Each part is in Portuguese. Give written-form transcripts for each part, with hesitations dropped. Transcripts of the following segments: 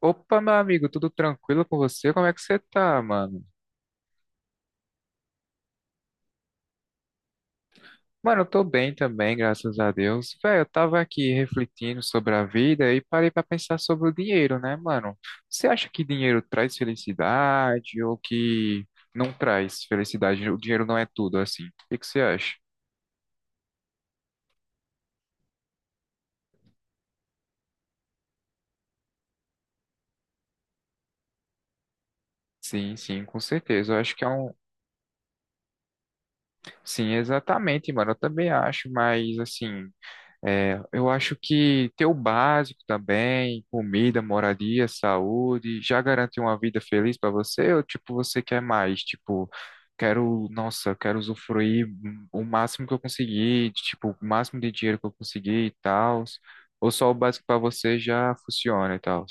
Opa, meu amigo, tudo tranquilo com você? Como é que você tá, mano? Mano, eu tô bem também, graças a Deus. Velho, eu tava aqui refletindo sobre a vida e parei pra pensar sobre o dinheiro, né, mano? Você acha que dinheiro traz felicidade ou que não traz felicidade? O dinheiro não é tudo, assim. O que que você acha? Sim, sim, com certeza. Eu acho que é um. Sim, exatamente, mano. Eu também acho, mas assim. É, eu acho que ter o básico também, comida, moradia, saúde, já garante uma vida feliz para você? Ou tipo, você quer mais? Tipo, quero, nossa, quero usufruir o máximo que eu conseguir, tipo, o máximo de dinheiro que eu conseguir e tal. Ou só o básico para você já funciona e tal?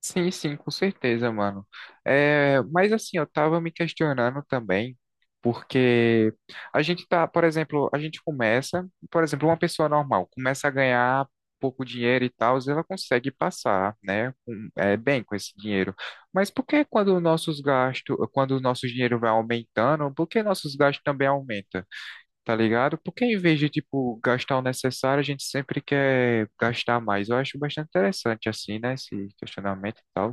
Sim, sim, com certeza, mano. É, mas assim, eu tava me questionando também, porque a gente tá, por exemplo, a gente começa, por exemplo, uma pessoa normal começa a ganhar pouco dinheiro e tal, ela consegue passar, né, bem com esse dinheiro. Mas por que quando os nossos gastos, quando o nosso dinheiro vai aumentando, por que nossos gastos também aumentam? Tá ligado? Porque em vez de, tipo, gastar o necessário, a gente sempre quer gastar mais. Eu acho bastante interessante, assim, né? Esse questionamento e tal.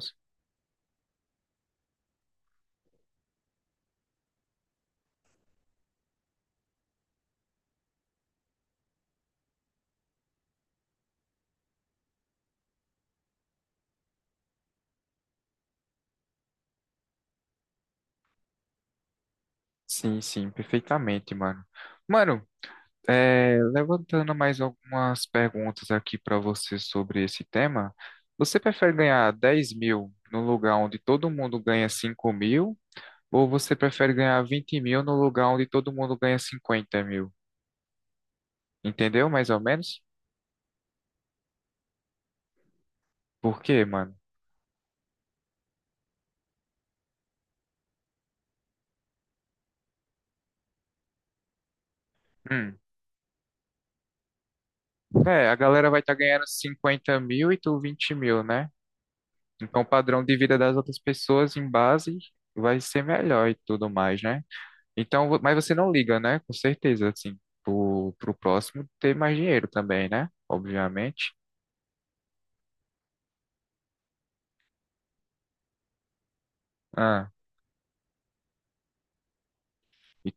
Sim, sim, perfeitamente, mano. Mano, é, levantando mais algumas perguntas aqui pra você sobre esse tema, você prefere ganhar 10.000 no lugar onde todo mundo ganha 5.000, ou você prefere ganhar 20.000 no lugar onde todo mundo ganha 50.000? Entendeu, mais ou menos? Por quê, mano? Hum. É, a galera vai estar ganhando 50.000 e tu 20.000, né? Então o padrão de vida das outras pessoas em base vai ser melhor e tudo mais, né? Então, mas você não liga, né? Com certeza, assim, pro próximo ter mais dinheiro também, né? Obviamente. Ah, e-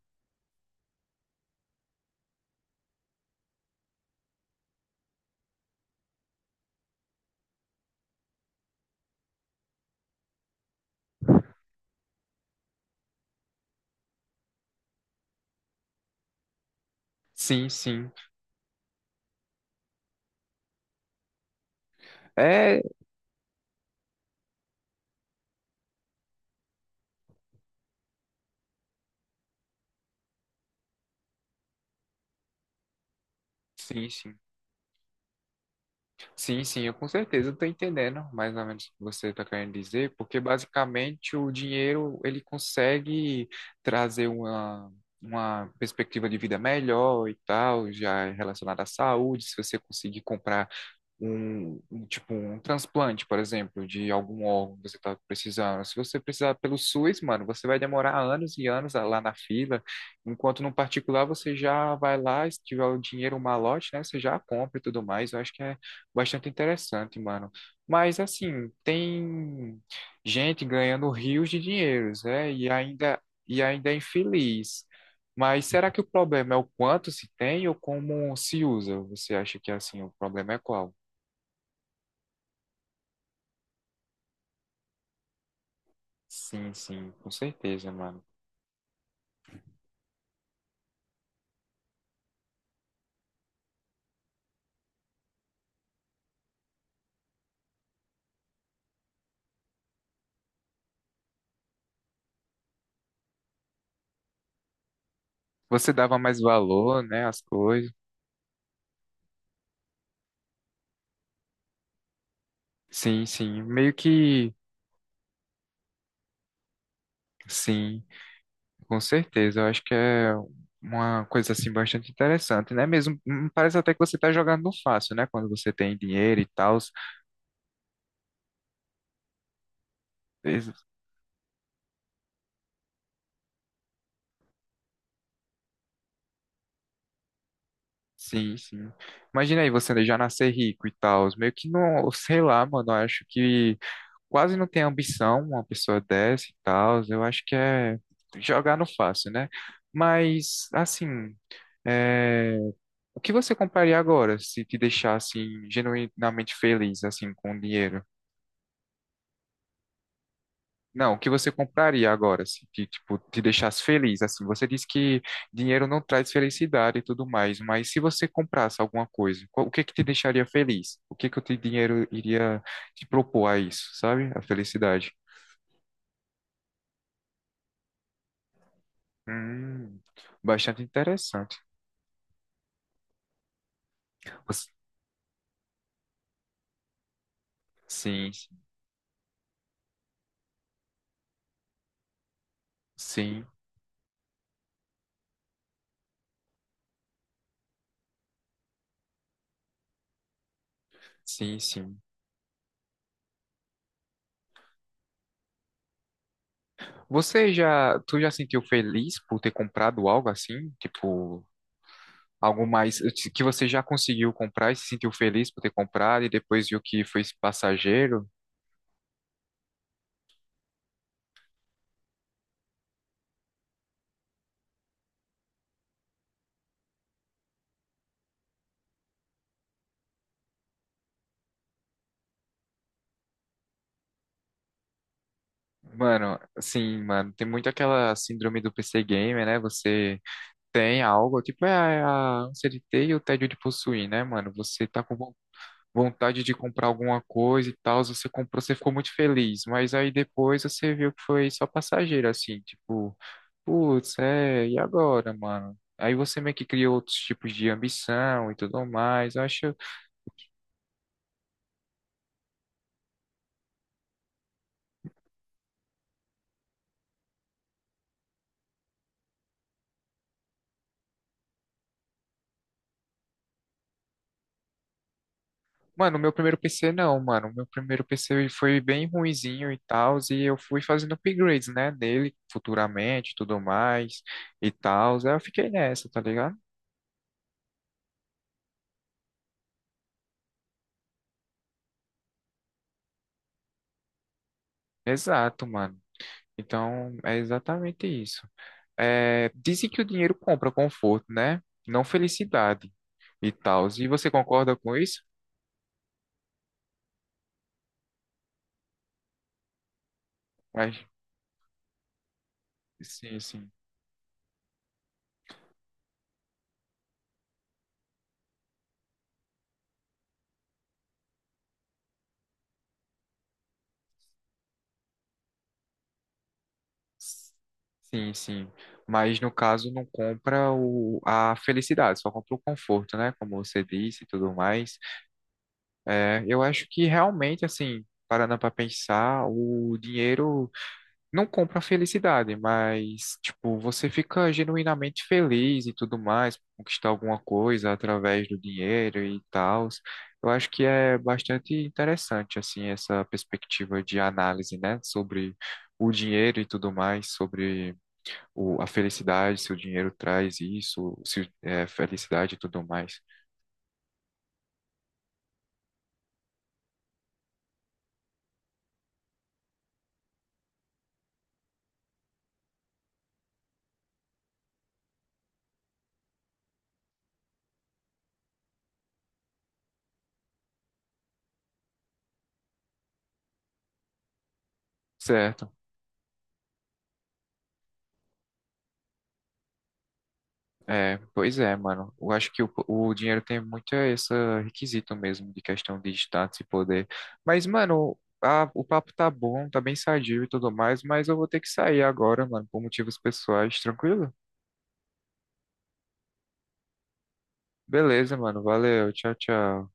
sim, sim. É, sim, sim. Sim, sim, eu com certeza estou entendendo mais ou menos o que você está querendo dizer, porque basicamente o dinheiro ele consegue trazer uma perspectiva de vida melhor e tal, já é relacionada à saúde, se você conseguir comprar tipo, um transplante, por exemplo, de algum órgão que você está precisando. Se você precisar pelo SUS, mano, você vai demorar anos e anos lá na fila, enquanto no particular você já vai lá, se tiver o dinheiro, o malote, né, você já compra e tudo mais. Eu acho que é bastante interessante, mano. Mas, assim, tem gente ganhando rios de dinheiros, né, e ainda é infeliz. Mas será que o problema é o quanto se tem ou como se usa? Você acha que assim o problema é qual? Sim, sim, com certeza, mano. Você dava mais valor, né, às coisas. Sim, sim, meio que sim, com certeza. Eu acho que é uma coisa assim bastante interessante, né? Mesmo parece até que você tá jogando no fácil, né? Quando você tem dinheiro e tal. Sim, sim. Imagina aí você já nascer rico e tal. Meio que não, sei lá, mano. Eu acho que quase não tem ambição uma pessoa dessa e tal. Eu acho que é jogar no fácil, né? Mas, assim, é, o que você compraria agora se te deixasse genuinamente feliz, assim, com o dinheiro? Não, o que você compraria agora se te, tipo, te deixasse feliz, assim? Você disse que dinheiro não traz felicidade e tudo mais, mas se você comprasse alguma coisa, o que que te deixaria feliz? O que que o teu dinheiro iria te propor a isso, sabe? A felicidade. Hum, bastante interessante. Você- Sim, sim, sim, sim. Você já, tu já sentiu feliz por ter comprado algo assim? Tipo, algo mais que você já conseguiu comprar e se sentiu feliz por ter comprado e depois viu que foi passageiro? Mano, sim, mano, tem muito aquela síndrome do PC Gamer, né? Você tem algo, tipo, é a ânsia de ter e o tédio de possuir, né, mano? Você tá com vontade de comprar alguma coisa e tal, você comprou, você ficou muito feliz, mas aí depois você viu que foi só passageiro, assim, tipo, putz, é, e agora, mano? Aí você meio que cria outros tipos de ambição e tudo mais. Eu acho, mano, o meu primeiro PC não, mano. O meu primeiro PC foi bem ruinzinho e tal, e eu fui fazendo upgrades, né, dele futuramente, e tudo mais e tal. Aí eu fiquei nessa, tá ligado? Exato, mano. Então, é exatamente isso. É, dizem que o dinheiro compra conforto, né? Não felicidade e tal. E você concorda com isso? Mas, sim, sim. Sim, sim. Mas no caso não compra a felicidade, só compra o conforto, né? Como você disse e tudo mais. É, eu acho que realmente, assim, parando para pensar, o dinheiro não compra felicidade, mas, tipo, você fica genuinamente feliz e tudo mais, conquistar alguma coisa através do dinheiro e tal. Eu acho que é bastante interessante, assim, essa perspectiva de análise, né, sobre o dinheiro e tudo mais, sobre a felicidade, se o dinheiro traz isso, se é felicidade e tudo mais. Certo. É, pois é, mano. Eu acho que o dinheiro tem muito esse requisito mesmo de questão de status e poder. Mas, mano, o papo tá bom, tá bem sadio e tudo mais, mas eu vou ter que sair agora, mano, por motivos pessoais, tranquilo? Beleza, mano. Valeu. Tchau, tchau.